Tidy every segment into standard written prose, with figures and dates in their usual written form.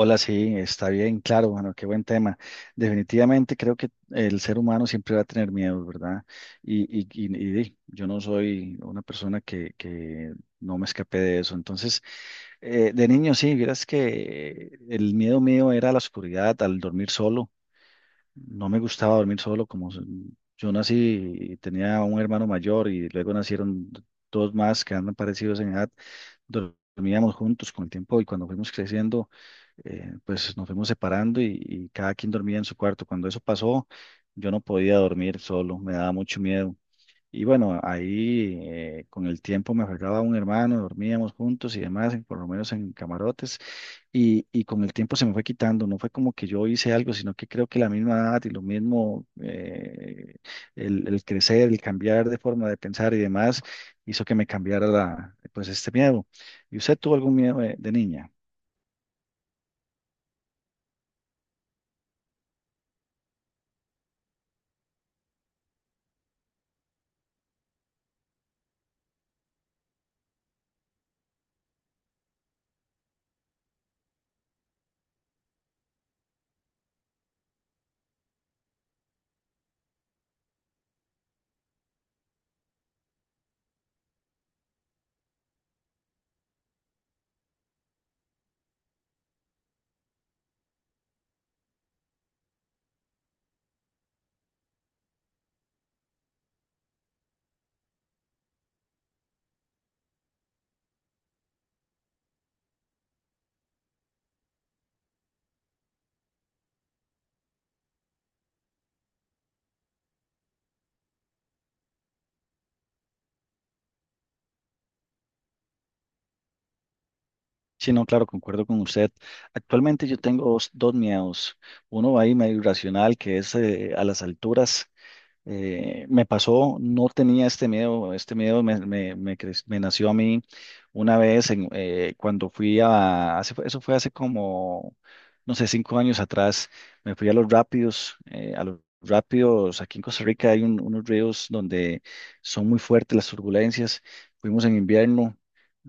Hola, sí, está bien, claro, bueno, qué buen tema. Definitivamente creo que el ser humano siempre va a tener miedos, ¿verdad? Y yo no soy una persona que no me escapé de eso. Entonces, de niño sí, vieras que el miedo mío era a la oscuridad, al dormir solo. No me gustaba dormir solo. Yo nací y tenía un hermano mayor y luego nacieron dos más que andan parecidos en edad. Dormíamos juntos con el tiempo y cuando fuimos creciendo, pues nos fuimos separando y cada quien dormía en su cuarto. Cuando eso pasó, yo no podía dormir solo, me daba mucho miedo. Y bueno, ahí con el tiempo me agarraba un hermano, dormíamos juntos y demás, por lo menos en camarotes, y con el tiempo se me fue quitando, no fue como que yo hice algo, sino que creo que la misma edad y lo mismo, el crecer, el cambiar de forma de pensar y demás, hizo que me cambiara pues este miedo. ¿Y usted tuvo algún miedo de niña? Sí, no, claro, concuerdo con usted. Actualmente yo tengo dos miedos. Uno ahí medio irracional, que es a las alturas. Me pasó, no tenía este miedo me nació a mí una vez cuando eso fue hace como, no sé, 5 años atrás. Me fui a los rápidos, aquí en Costa Rica hay unos ríos donde son muy fuertes las turbulencias. Fuimos en invierno,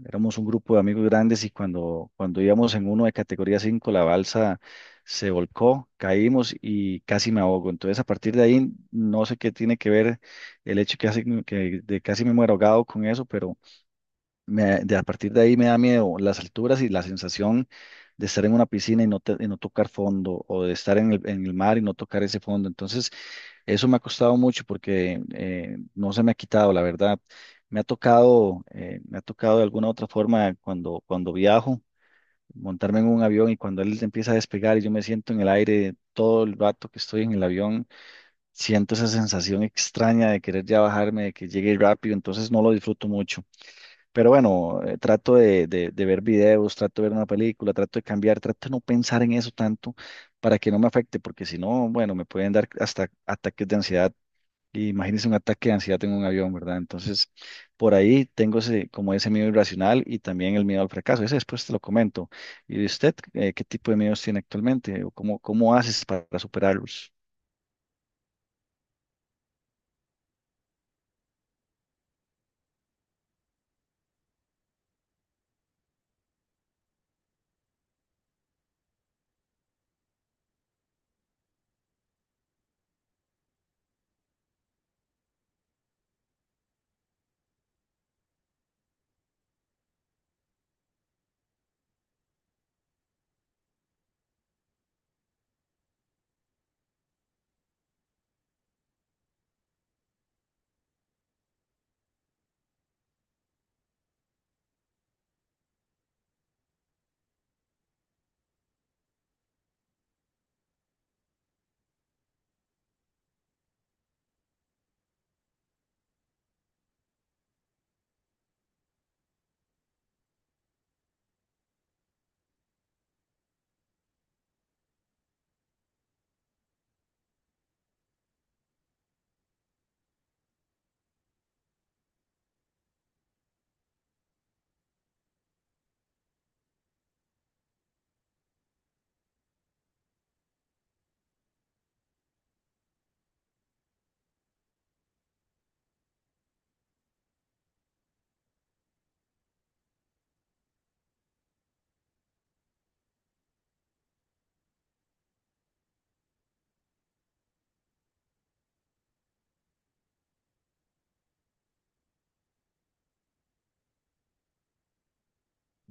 éramos un grupo de amigos grandes y cuando, íbamos en uno de categoría 5, la balsa se volcó, caímos y casi me ahogo. Entonces, a partir de ahí, no sé qué tiene que ver el hecho que de casi me muero ahogado con eso, pero a partir de ahí me da miedo las alturas y la sensación de estar en una piscina y no, y no tocar fondo, o de estar en el, mar y no tocar ese fondo. Entonces, eso me ha costado mucho porque no se me ha quitado, la verdad. Me ha tocado, de alguna otra forma cuando viajo montarme en un avión, y cuando él empieza a despegar y yo me siento en el aire todo el rato que estoy en el avión, siento esa sensación extraña de querer ya bajarme, de que llegue rápido; entonces no lo disfruto mucho. Pero bueno, trato de ver videos, trato de ver una película, trato de cambiar, trato de no pensar en eso tanto para que no me afecte, porque si no, bueno, me pueden dar hasta ataques de ansiedad. Y imagínese un ataque de ansiedad en un avión, ¿verdad? Entonces, por ahí tengo ese, como ese miedo irracional, y también el miedo al fracaso. Ese después te lo comento. ¿Y de usted, qué tipo de miedos tiene actualmente? ¿O cómo haces para superarlos?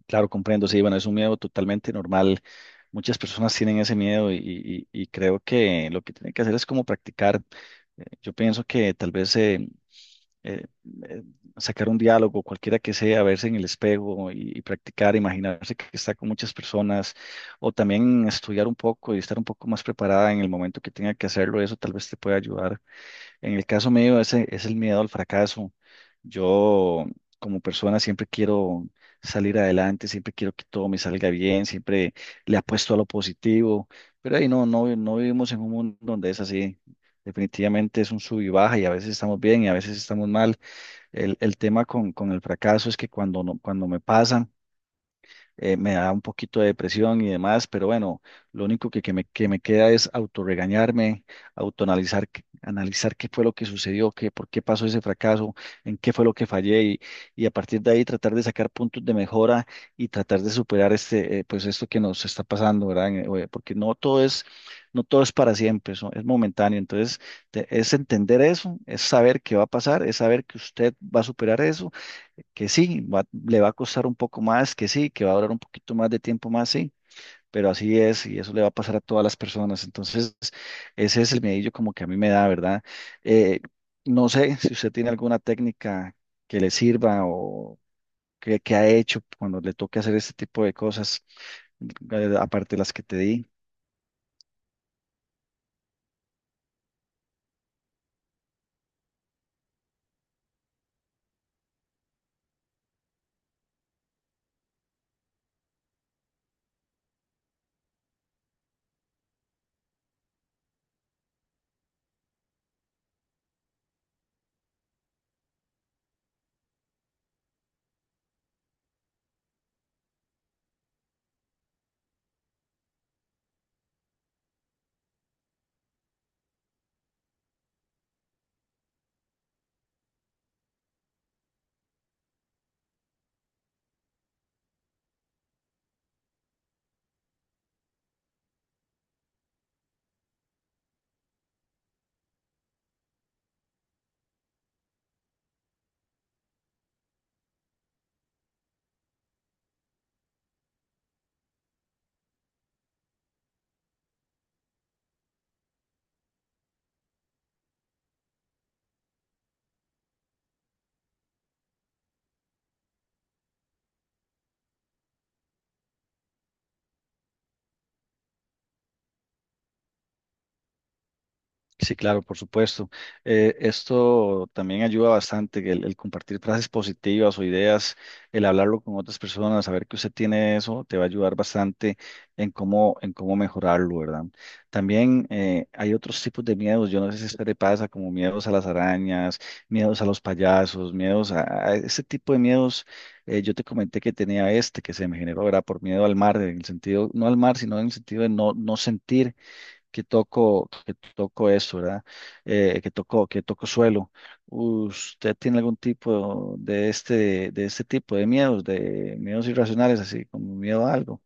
Claro, comprendo, sí, bueno, es un miedo totalmente normal. Muchas personas tienen ese miedo, y creo que lo que tienen que hacer es como practicar. Yo pienso que tal vez eh, eh, sacar un diálogo, cualquiera que sea, verse en el espejo y practicar, imaginarse que está con muchas personas, o también estudiar un poco y estar un poco más preparada en el momento que tenga que hacerlo. Eso tal vez te puede ayudar. En el caso mío, ese es el miedo al fracaso. Yo, como persona, siempre quiero salir adelante, siempre quiero que todo me salga bien, siempre le apuesto a lo positivo, pero ahí no vivimos en un mundo donde es así. Definitivamente es un sub y baja, y a veces estamos bien y a veces estamos mal. El tema con el fracaso es que cuando, no, cuando me pasan, me da un poquito de depresión y demás, pero bueno, lo único que me queda es autorregañarme, autoanalizar, analizar qué fue lo que sucedió, por qué pasó ese fracaso, en qué fue lo que fallé, y a partir de ahí tratar de sacar puntos de mejora y tratar de superar pues esto que nos está pasando, ¿verdad? Porque no todo es, no todo es para siempre; eso es momentáneo, entonces es entender eso, es saber qué va a pasar, es saber que usted va a superar eso, que sí, le va a costar un poco más, que sí, que va a durar un poquito más de tiempo más, sí, pero así es, y eso le va a pasar a todas las personas. Entonces, ese es el medillo como que a mí me da, ¿verdad? Eh, no sé si usted tiene alguna técnica que le sirva, o que ha hecho cuando le toque hacer este tipo de cosas, aparte de las que te di. Sí, claro, por supuesto. Esto también ayuda bastante, que el, compartir frases positivas o ideas, el hablarlo con otras personas, saber que usted tiene eso, te va a ayudar bastante en cómo mejorarlo, ¿verdad? También hay otros tipos de miedos, yo no sé si a usted le pasa, como miedos a las arañas, miedos a los payasos, miedos a ese tipo de miedos. Yo te comenté que tenía este que se me generó, ¿verdad? Por miedo al mar, en el sentido, no al mar, sino en el sentido de no sentir que toco eso, ¿verdad? Que toco, que toco suelo. ¿Usted tiene algún tipo de este tipo de miedos irracionales, así como miedo a algo?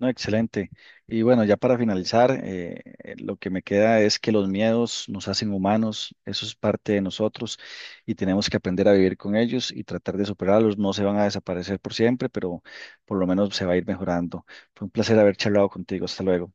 No, excelente. Y bueno, ya para finalizar, lo que me queda es que los miedos nos hacen humanos, eso es parte de nosotros y tenemos que aprender a vivir con ellos y tratar de superarlos. No se van a desaparecer por siempre, pero por lo menos se va a ir mejorando. Fue un placer haber charlado contigo. Hasta luego.